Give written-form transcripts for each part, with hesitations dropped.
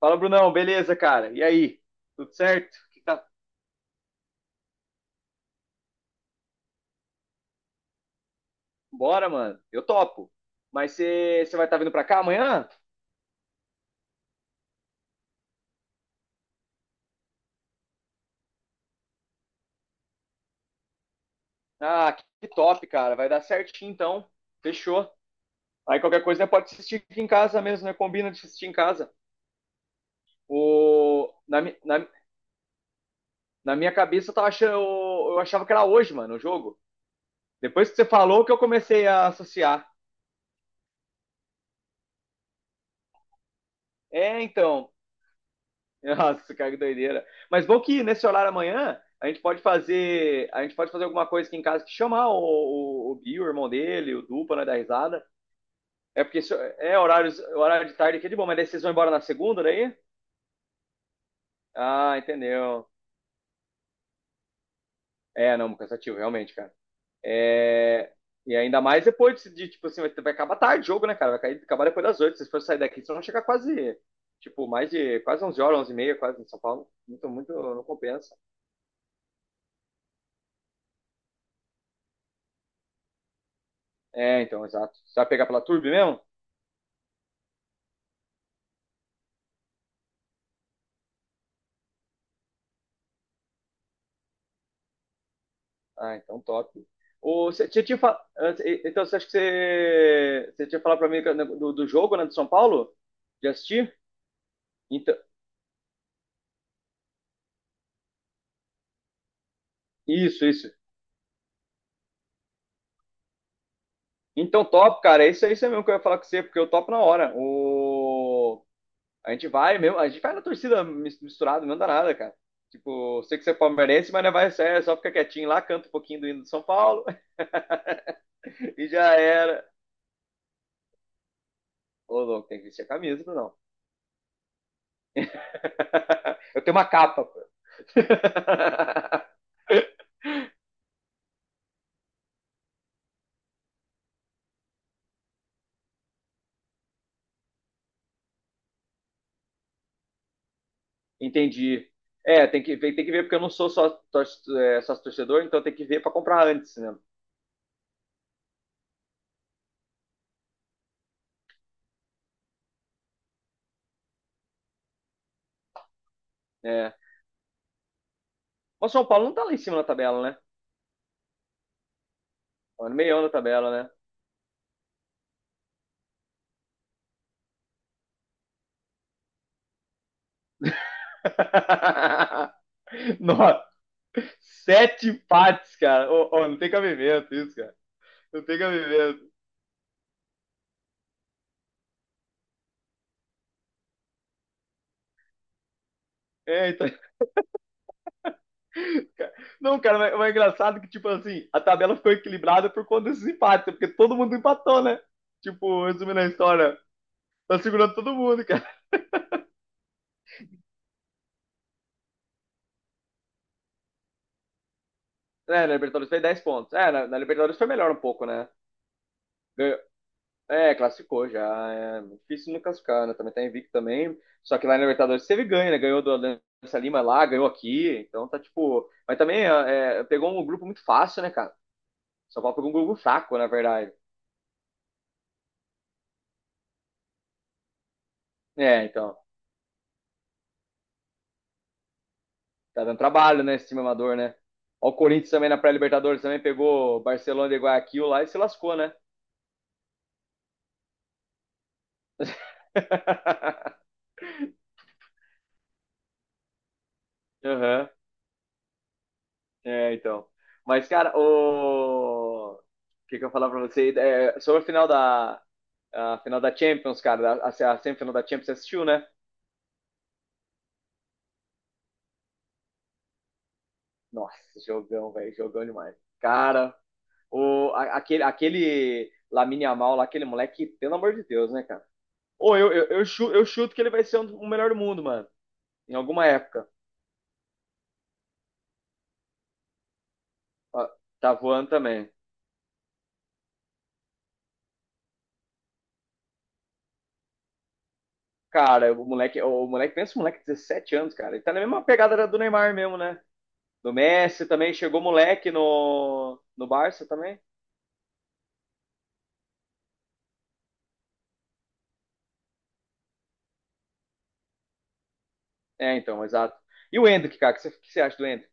Fala, Brunão, beleza, cara? E aí? Tudo certo? Que tá... Bora, mano. Eu topo. Mas você vai estar vindo pra cá amanhã? Ah, que top, cara. Vai dar certinho, então. Fechou. Aí qualquer coisa, né, pode assistir aqui em casa mesmo, né? Combina de assistir em casa. O... Na, mi- na, na minha cabeça, eu, tava achando, eu achava que era hoje, mano, o jogo. Depois que você falou que eu comecei a associar. É, então. Nossa, cara, que doideira. Mas bom que nesse horário amanhã a gente pode fazer alguma coisa aqui em casa, que chamar o Gui, o irmão dele, o Dupa, né, da risada. É porque isso- É horário de tarde aqui é de bom, mas daí vocês vão embora na segunda daí? Ah, entendeu. É, não, cansativo, realmente, cara. É, e ainda mais depois tipo assim, vai acabar tarde o jogo, né, cara? Acabar depois das oito. Se vocês forem sair daqui, vocês vão chegar quase, tipo, mais de quase 11 horas, 11 e meia, quase em São Paulo. Muito, muito, não compensa. É, então, exato. Você vai pegar pela Turbo mesmo? Ah, então top. O, você tinha, tinha fa- antes- e- Então, você acha que você tinha falado pra mim né, do, jogo, né, do São Paulo? De assistir? Então, isso, isso. Então, top, cara. É isso aí mesmo que eu ia falar com você, porque eu topo na hora. A gente vai na torcida misturado, não dá nada, cara. Tipo, eu sei que você é palmeirense, mas não vai ser, só fica quietinho lá, canta um pouquinho do hino do São Paulo. E já era. Ô, louco, tem que vestir a camisa, não. Eu tenho uma capa, pô. Entendi. É, tem que ver, tem que ver, porque eu não sou só sócio, é, sócio torcedor, então tem que ver para comprar antes, né? É. Mas o São Paulo não tá lá em cima na tabela, né? Tá no meião da tabela, né? Nossa, sete empates, cara. Ô, ô, não tem cabimento isso, cara. Não tem cabimento. É, então, cara- não, cara, mas é engraçado que, tipo assim, a tabela ficou equilibrada por conta desses empates, porque todo mundo empatou, né? Tipo, resumindo a história, tá segurando todo mundo, cara. É, na Libertadores fez 10 pontos. É, na Libertadores foi melhor um pouco, né? Ganhou- É, classificou já. É difícil não classificar, né? Também tá invicto também. Só que lá na Libertadores teve ganho, né? Ganhou do Alianza Lima lá, ganhou aqui. Então tá tipo. Mas também pegou um grupo muito fácil, né, cara? São Paulo pegou um grupo fraco, na verdade. É, então. Tá dando trabalho, né? Esse time amador, né? Ó, o Corinthians também na pré-Libertadores também pegou Barcelona e Guayaquil lá e se lascou, né? Aham. É, então. Mas, cara, O que que eu ia falar pra você? É, sobre a final da. A final da Champions, cara. A semifinal da Champions, você assistiu, né? Nossa, jogão, velho. Jogão demais. Cara, aquele Lamine Yamal lá, aquele moleque, pelo amor de Deus, né, cara? Ou eu chuto que ele vai ser o melhor do mundo, mano. Em alguma época. Ó, tá voando também. Cara, o moleque, pensa um moleque de 17 anos, cara. Ele tá na mesma pegada do Neymar mesmo, né? Do Messi também, chegou moleque no Barça também. É, então, exato. E o Endrick, cara, o que você acha do Endrick?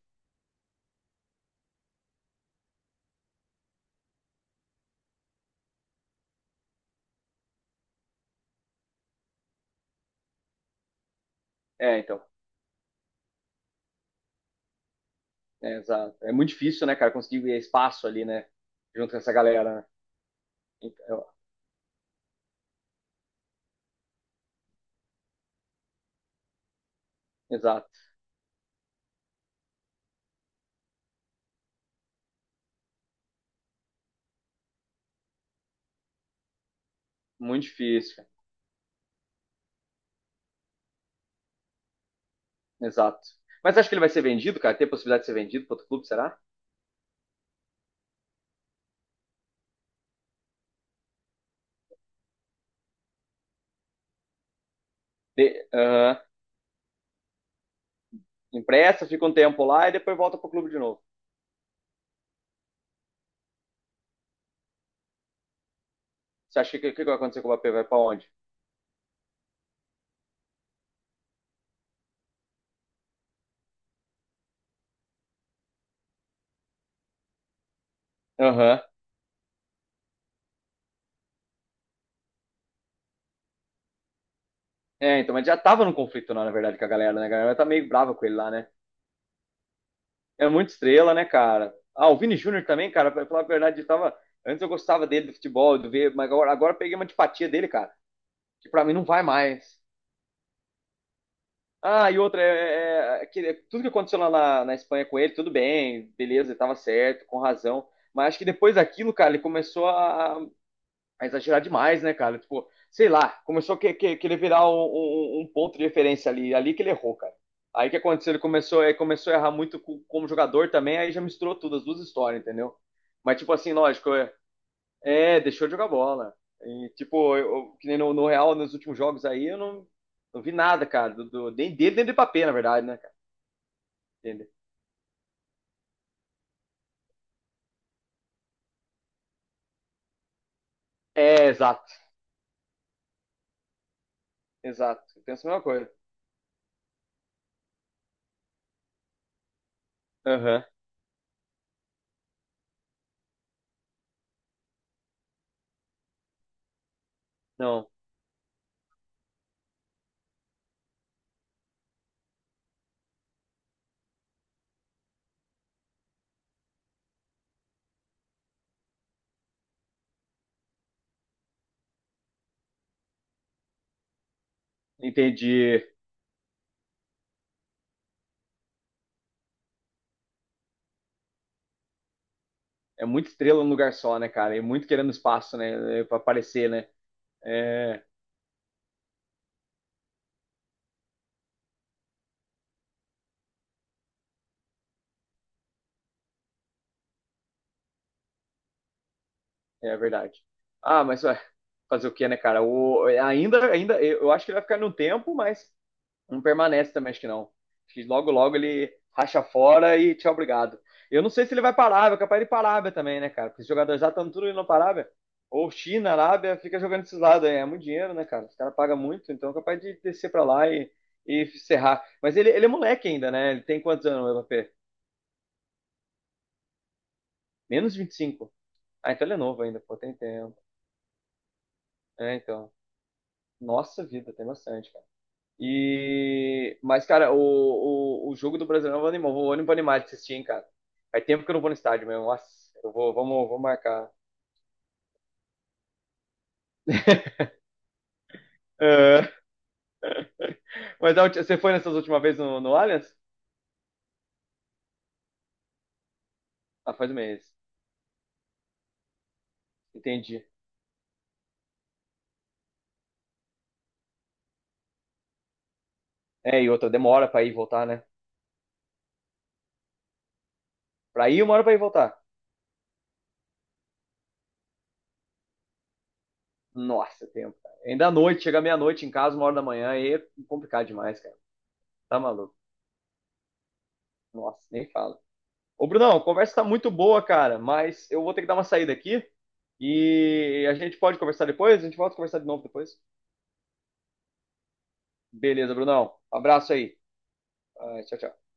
É, então, é, exato. É muito difícil, né, cara, conseguir espaço ali, né, junto com essa galera, né? Então, exato. Muito difícil, cara. Exato. Mas acho que ele vai ser vendido, cara? Tem possibilidade de ser vendido para outro clube, será? Aham. Empresta, fica um tempo lá e depois volta pro clube de novo. Você acha que o que, que vai acontecer com o Mbappé? Vai pra onde? Aham. É, então, mas já tava num conflito lá, na verdade, com a galera, né? A galera tá meio brava com ele lá, né? É muito estrela, né, cara? Ah, o Vini Júnior também, cara, pra falar a verdade, antes eu gostava dele, do futebol, do ver, mas agora eu peguei uma antipatia dele, cara, que pra mim não vai mais. Ah, e outra, tudo que aconteceu lá na Espanha com ele, tudo bem, beleza, ele tava certo, com razão. Mas acho que depois daquilo, cara, ele começou a exagerar demais, né, cara? Tipo, sei lá, começou a querer virar um ponto de referência ali que ele errou, cara. Aí o que aconteceu? Ele começou a errar muito como jogador também, aí já misturou tudo, as duas histórias, entendeu? Mas, tipo assim, lógico, deixou de jogar bola. E, tipo, que nem no Real, nos últimos jogos aí, eu não vi nada, cara, nem dele, nem do Mbappé, na verdade, né, cara? Entende? É, exato, exato. Eu penso a mesma coisa. Aham, não, entendi. É muita estrela num lugar só, né, cara? E muito querendo espaço, né? Pra aparecer, né? É, é verdade. Ah, mas ué, fazer o quê, né, cara? O, ainda, eu acho que ele vai ficar no tempo, mas não permanece também, acho que não. Acho que logo, logo ele racha fora e tchau, obrigado. Eu não sei se ele vai para a Arábia, capaz de ir para a Arábia também, né, cara? Porque os jogadores já estão tudo indo para a Arábia. Ou China, Arábia, fica jogando esses lados aí. É muito dinheiro, né, cara? Os caras pagam muito, então é capaz de descer para lá e serrar. Mas ele é moleque ainda, né? Ele tem quantos anos, o Mbappé? Menos 25. Ah, então ele é novo ainda, pô, tem tempo. É, então. Nossa vida, tem bastante, cara. Mas, cara, o jogo do Brasileirão eu animou. Vou animar animado de assistir, hein, cara. Faz tempo que eu não vou no estádio mesmo. Nossa, vamos marcar. É, mas você foi nessas últimas vezes no Allianz? Ah, faz um mês. Entendi. É, e outra, demora pra ir e voltar, né? Pra ir, uma hora pra ir e voltar. Nossa, tempo, cara. Ainda à noite, chega meia-noite em casa, uma hora da manhã, aí é complicado demais, cara. Tá maluco? Nossa, nem fala. Ô, Brunão, a conversa tá muito boa, cara, mas eu vou ter que dar uma saída aqui, e a gente pode conversar depois? A gente volta a conversar de novo depois? Beleza, Brunão. Abraço aí. Ah, tchau, tchau.